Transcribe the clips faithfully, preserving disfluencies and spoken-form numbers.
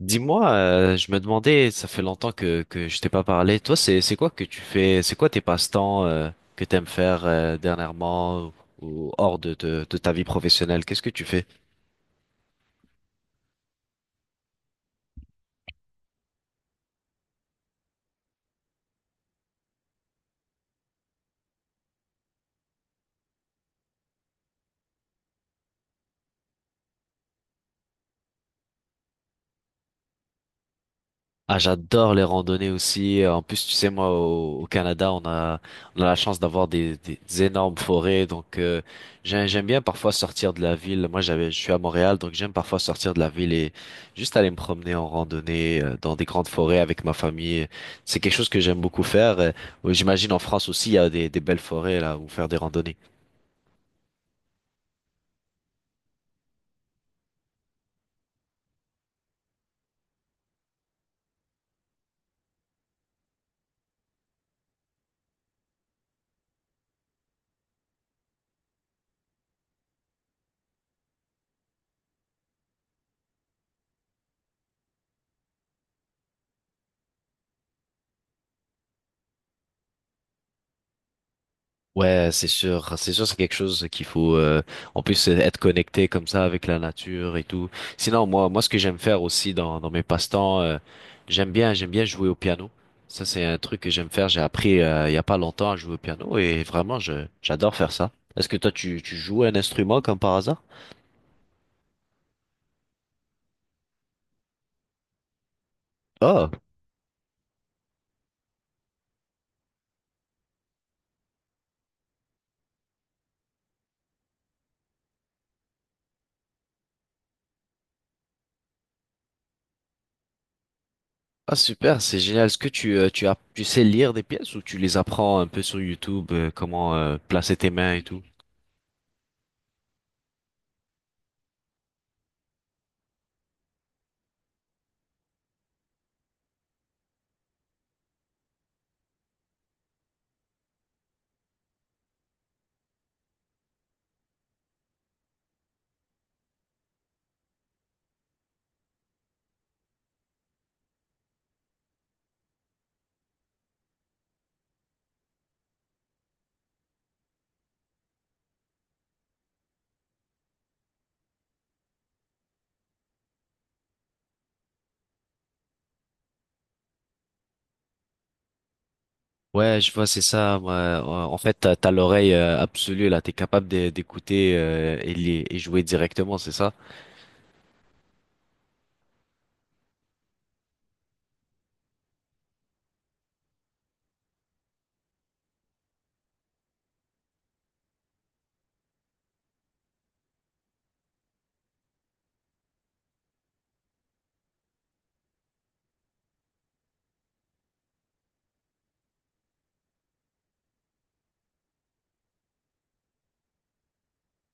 Dis-moi, euh, je me demandais, ça fait longtemps que que je t'ai pas parlé. Toi, c'est c'est quoi que tu fais? C'est quoi tes passe-temps, euh, que t'aimes faire euh, dernièrement, ou, ou hors de, de de ta vie professionnelle? Qu'est-ce que tu fais? Ah, j'adore les randonnées aussi. En plus, tu sais, moi, au, au Canada, on a, on a la chance d'avoir des, des, des énormes forêts. Donc, euh, j'ai- j'aime bien parfois sortir de la ville. Moi, j'avais, je suis à Montréal, donc j'aime parfois sortir de la ville et juste aller me promener en randonnée, euh, dans des grandes forêts avec ma famille. C'est quelque chose que j'aime beaucoup faire. Euh, J'imagine en France aussi, il y a des, des belles forêts là où faire des randonnées. Ouais, c'est sûr, c'est sûr, c'est quelque chose qu'il faut. euh, en plus, euh, être connecté comme ça avec la nature et tout. Sinon, moi, moi, ce que j'aime faire aussi dans dans mes passe-temps, euh, j'aime bien, j'aime bien jouer au piano. Ça, c'est un truc que j'aime faire. J'ai appris, euh, il y a pas longtemps, à jouer au piano, et vraiment, je j'adore faire ça. Est-ce que toi, tu tu joues un instrument comme par hasard? Oh, ah, super, c'est génial. Est-ce que tu euh, tu as tu sais lire des pièces, ou tu les apprends un peu sur YouTube, euh, comment euh, placer tes mains et tout? Ouais, je vois, c'est ça. Moi, Euh, En fait, t'as, t'as l'oreille euh, absolue là. T'es capable d'é- d'écouter, euh, et, les- et jouer directement, c'est ça?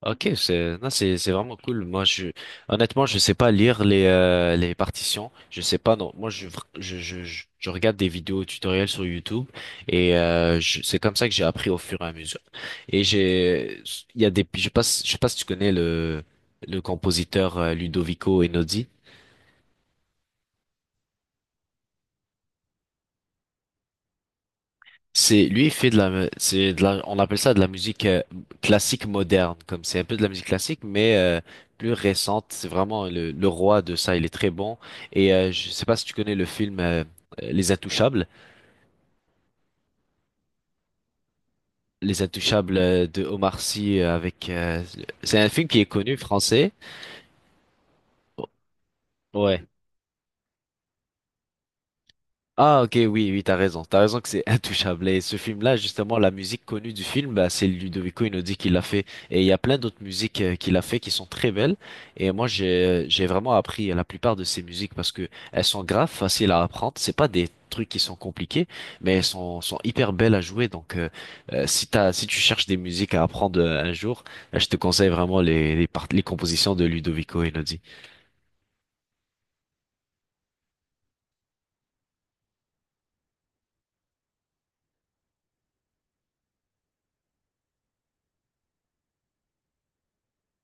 Ok, c'est non, c'est c'est vraiment cool. Moi, je honnêtement, je sais pas lire les euh, les partitions. Je sais pas. Non, moi, je je je, je je regarde des vidéos tutoriels sur YouTube, et euh, je- c'est comme ça que j'ai appris au fur et à mesure. Et j'ai il y a des je sais pas si- je sais pas si tu connais le le compositeur, euh, Ludovico Einaudi. C'est lui, il fait de la c'est de la, on appelle ça de la musique, euh, classique moderne, comme c'est un peu de la musique classique, mais euh, plus récente. C'est vraiment le, le roi de ça, il est très bon. Et euh, je sais pas si tu connais le film, euh, euh, Les Intouchables. Les Intouchables, euh, de Omar Sy, euh, avec euh, c'est un film qui est connu, français. Ouais. Ah, ok, oui, oui, t'as raison, t'as raison que c'est intouchable. Et ce film-là, justement, la musique connue du film, bah, c'est Ludovico Einaudi qui l'a fait. Et il y a plein d'autres musiques, euh, qu'il a fait, qui sont très belles. Et moi, j'ai j'ai vraiment appris la plupart de ces musiques, parce que elles sont graves faciles à apprendre. C'est pas des trucs qui sont compliqués, mais elles sont sont hyper belles à jouer. Donc, euh, euh, si t'as si tu cherches des musiques à apprendre, euh, un jour, euh, je te conseille vraiment les les, part- les compositions de Ludovico Einaudi.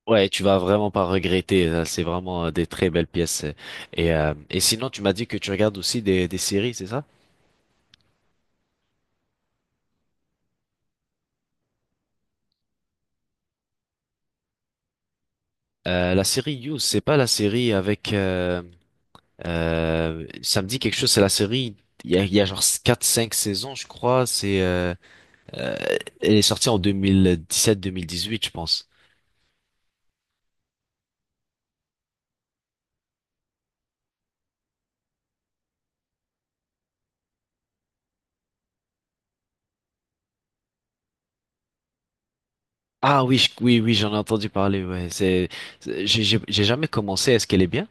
Ouais, tu vas vraiment pas regretter. euh, C'est vraiment, euh, des très belles pièces. euh. Et, euh, et sinon, tu m'as dit que tu regardes aussi des, des séries, c'est ça? Euh, la série You, c'est pas la série avec. Euh, euh, ça me dit quelque chose, c'est la série. Il y a, il y a genre quatre, cinq saisons, je crois. C'est, euh, elle est sortie en deux deux mille mille dix-sept, deux mille dix-huit, je pense. Ah, oui, je- oui, oui, j'en ai entendu parler. Ouais, c'est, c'est- j'ai j'ai- j'ai jamais commencé. Est-ce qu'elle est bien?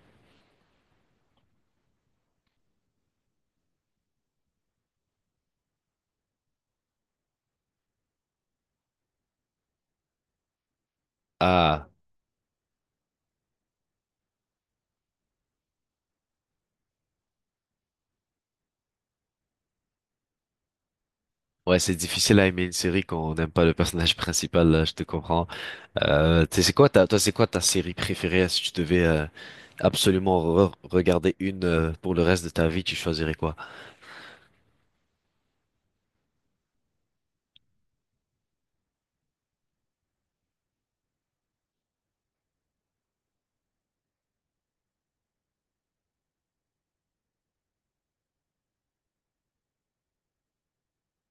Ah, ouais, c'est difficile à aimer une série quand on n'aime pas le personnage principal, là, je te comprends. Euh, tu sais, c'est quoi ta, toi, c'est quoi ta série préférée, si tu devais, euh, absolument, re- regarder une, euh, pour le reste de ta vie, tu choisirais quoi?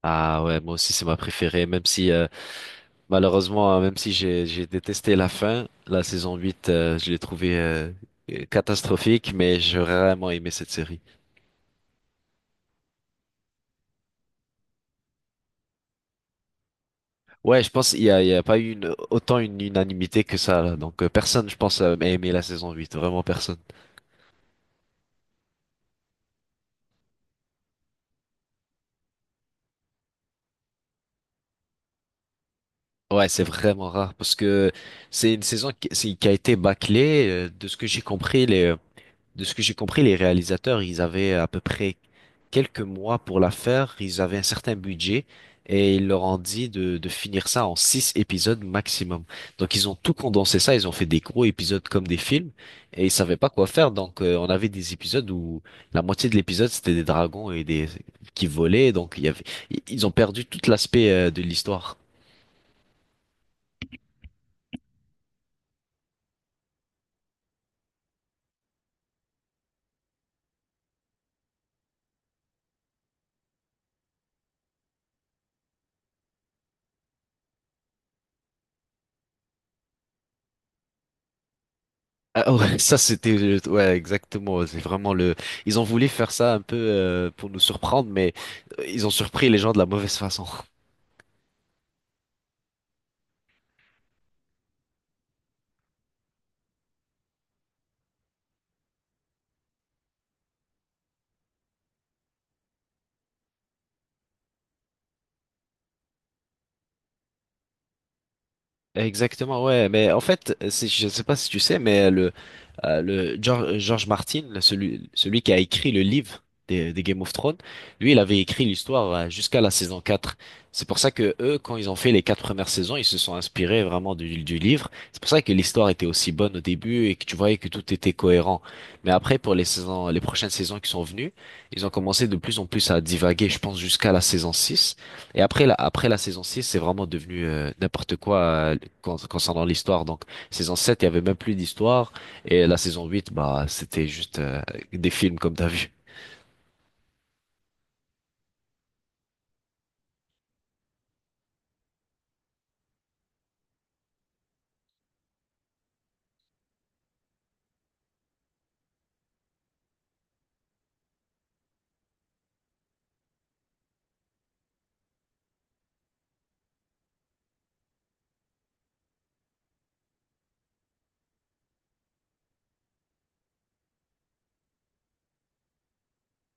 Ah, ouais, moi aussi c'est ma préférée, même si, euh, malheureusement, hein, même si j'ai j'ai détesté la fin, la saison huit, euh, je l'ai trouvée, euh, catastrophique, mais j'ai vraiment aimé cette série. Ouais, je pense qu'il y a, il y a pas eu une, autant une unanimité que ça, là. Donc, euh, personne, je pense, euh, a aimé la saison huit. Vraiment personne. Ouais, c'est vraiment rare, parce que c'est une saison qui, c'est- qui a été bâclée. euh, De ce que j'ai compris, les, de ce que j'ai compris, les réalisateurs, ils avaient à peu près quelques mois pour la faire. Ils avaient un certain budget, et ils leur ont dit de, de finir ça en six épisodes maximum. Donc ils ont tout condensé ça. Ils ont fait des gros épisodes comme des films, et ils savaient pas quoi faire. Donc, euh, on avait des épisodes où la moitié de l'épisode c'était des dragons et des qui volaient. Donc il y avait, ils ont perdu tout l'aspect, euh, de l'histoire. Ah, ouais, ça c'était, euh, ouais, exactement, c'est vraiment le ils ont voulu faire ça un peu, euh, pour nous surprendre, mais euh, ils ont surpris les gens de la mauvaise façon. Exactement, ouais. Mais en fait, c'est- je ne sais pas si tu sais, mais le, euh, le Geor- George Martin, le- celui, celui qui a écrit le livre des, des Game of Thrones, lui, il avait écrit l'histoire, euh, jusqu'à la saison quatre. C'est pour ça que eux, quand ils ont fait les quatre premières saisons, ils se sont inspirés vraiment du, du livre. C'est pour ça que l'histoire était aussi bonne au début, et que tu voyais que tout était cohérent. Mais après, pour les saisons, les prochaines saisons qui sont venues, ils ont commencé de plus en plus à divaguer, je pense, jusqu'à la saison six. Et après la, après la saison six, c'est vraiment devenu, euh, n'importe quoi, euh, con- concernant l'histoire. Donc, saison sept, il y avait même plus d'histoire. Et la saison huit, bah, c'était juste, euh, des films, comme t'as vu.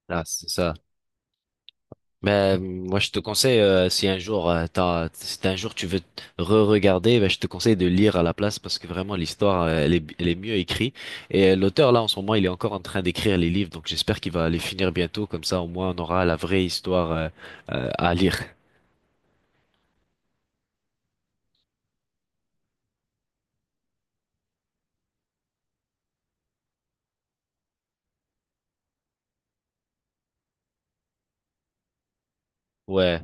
Là, c'est ça. Mais, euh, moi, je te conseille, euh, si un jour, euh, t'as- si un jour tu veux, t- re-regarder, ben, je te conseille de lire à la place, parce que vraiment, l'histoire, euh, elle est, elle est mieux écrite. Et, euh, l'auteur, là, en ce moment, il est encore en train d'écrire les livres. Donc, j'espère qu'il va les finir bientôt. Comme ça, au moins, on aura la vraie histoire, euh, euh, à lire. Ouais.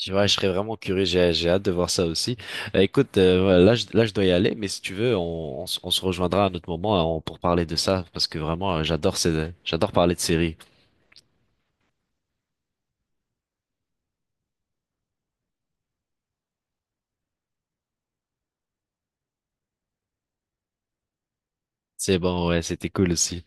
Je- Ouais, je serais vraiment curieux, j'ai j'ai hâte de voir ça aussi. Euh, écoute, euh, voilà, là, je, là je dois y aller, mais si tu veux, on, on, se on se rejoindra à un autre moment, euh, on- pour parler de ça, parce que vraiment, euh, j'adore ces- j'adore parler de séries. C'est bon, ouais, c'était cool aussi.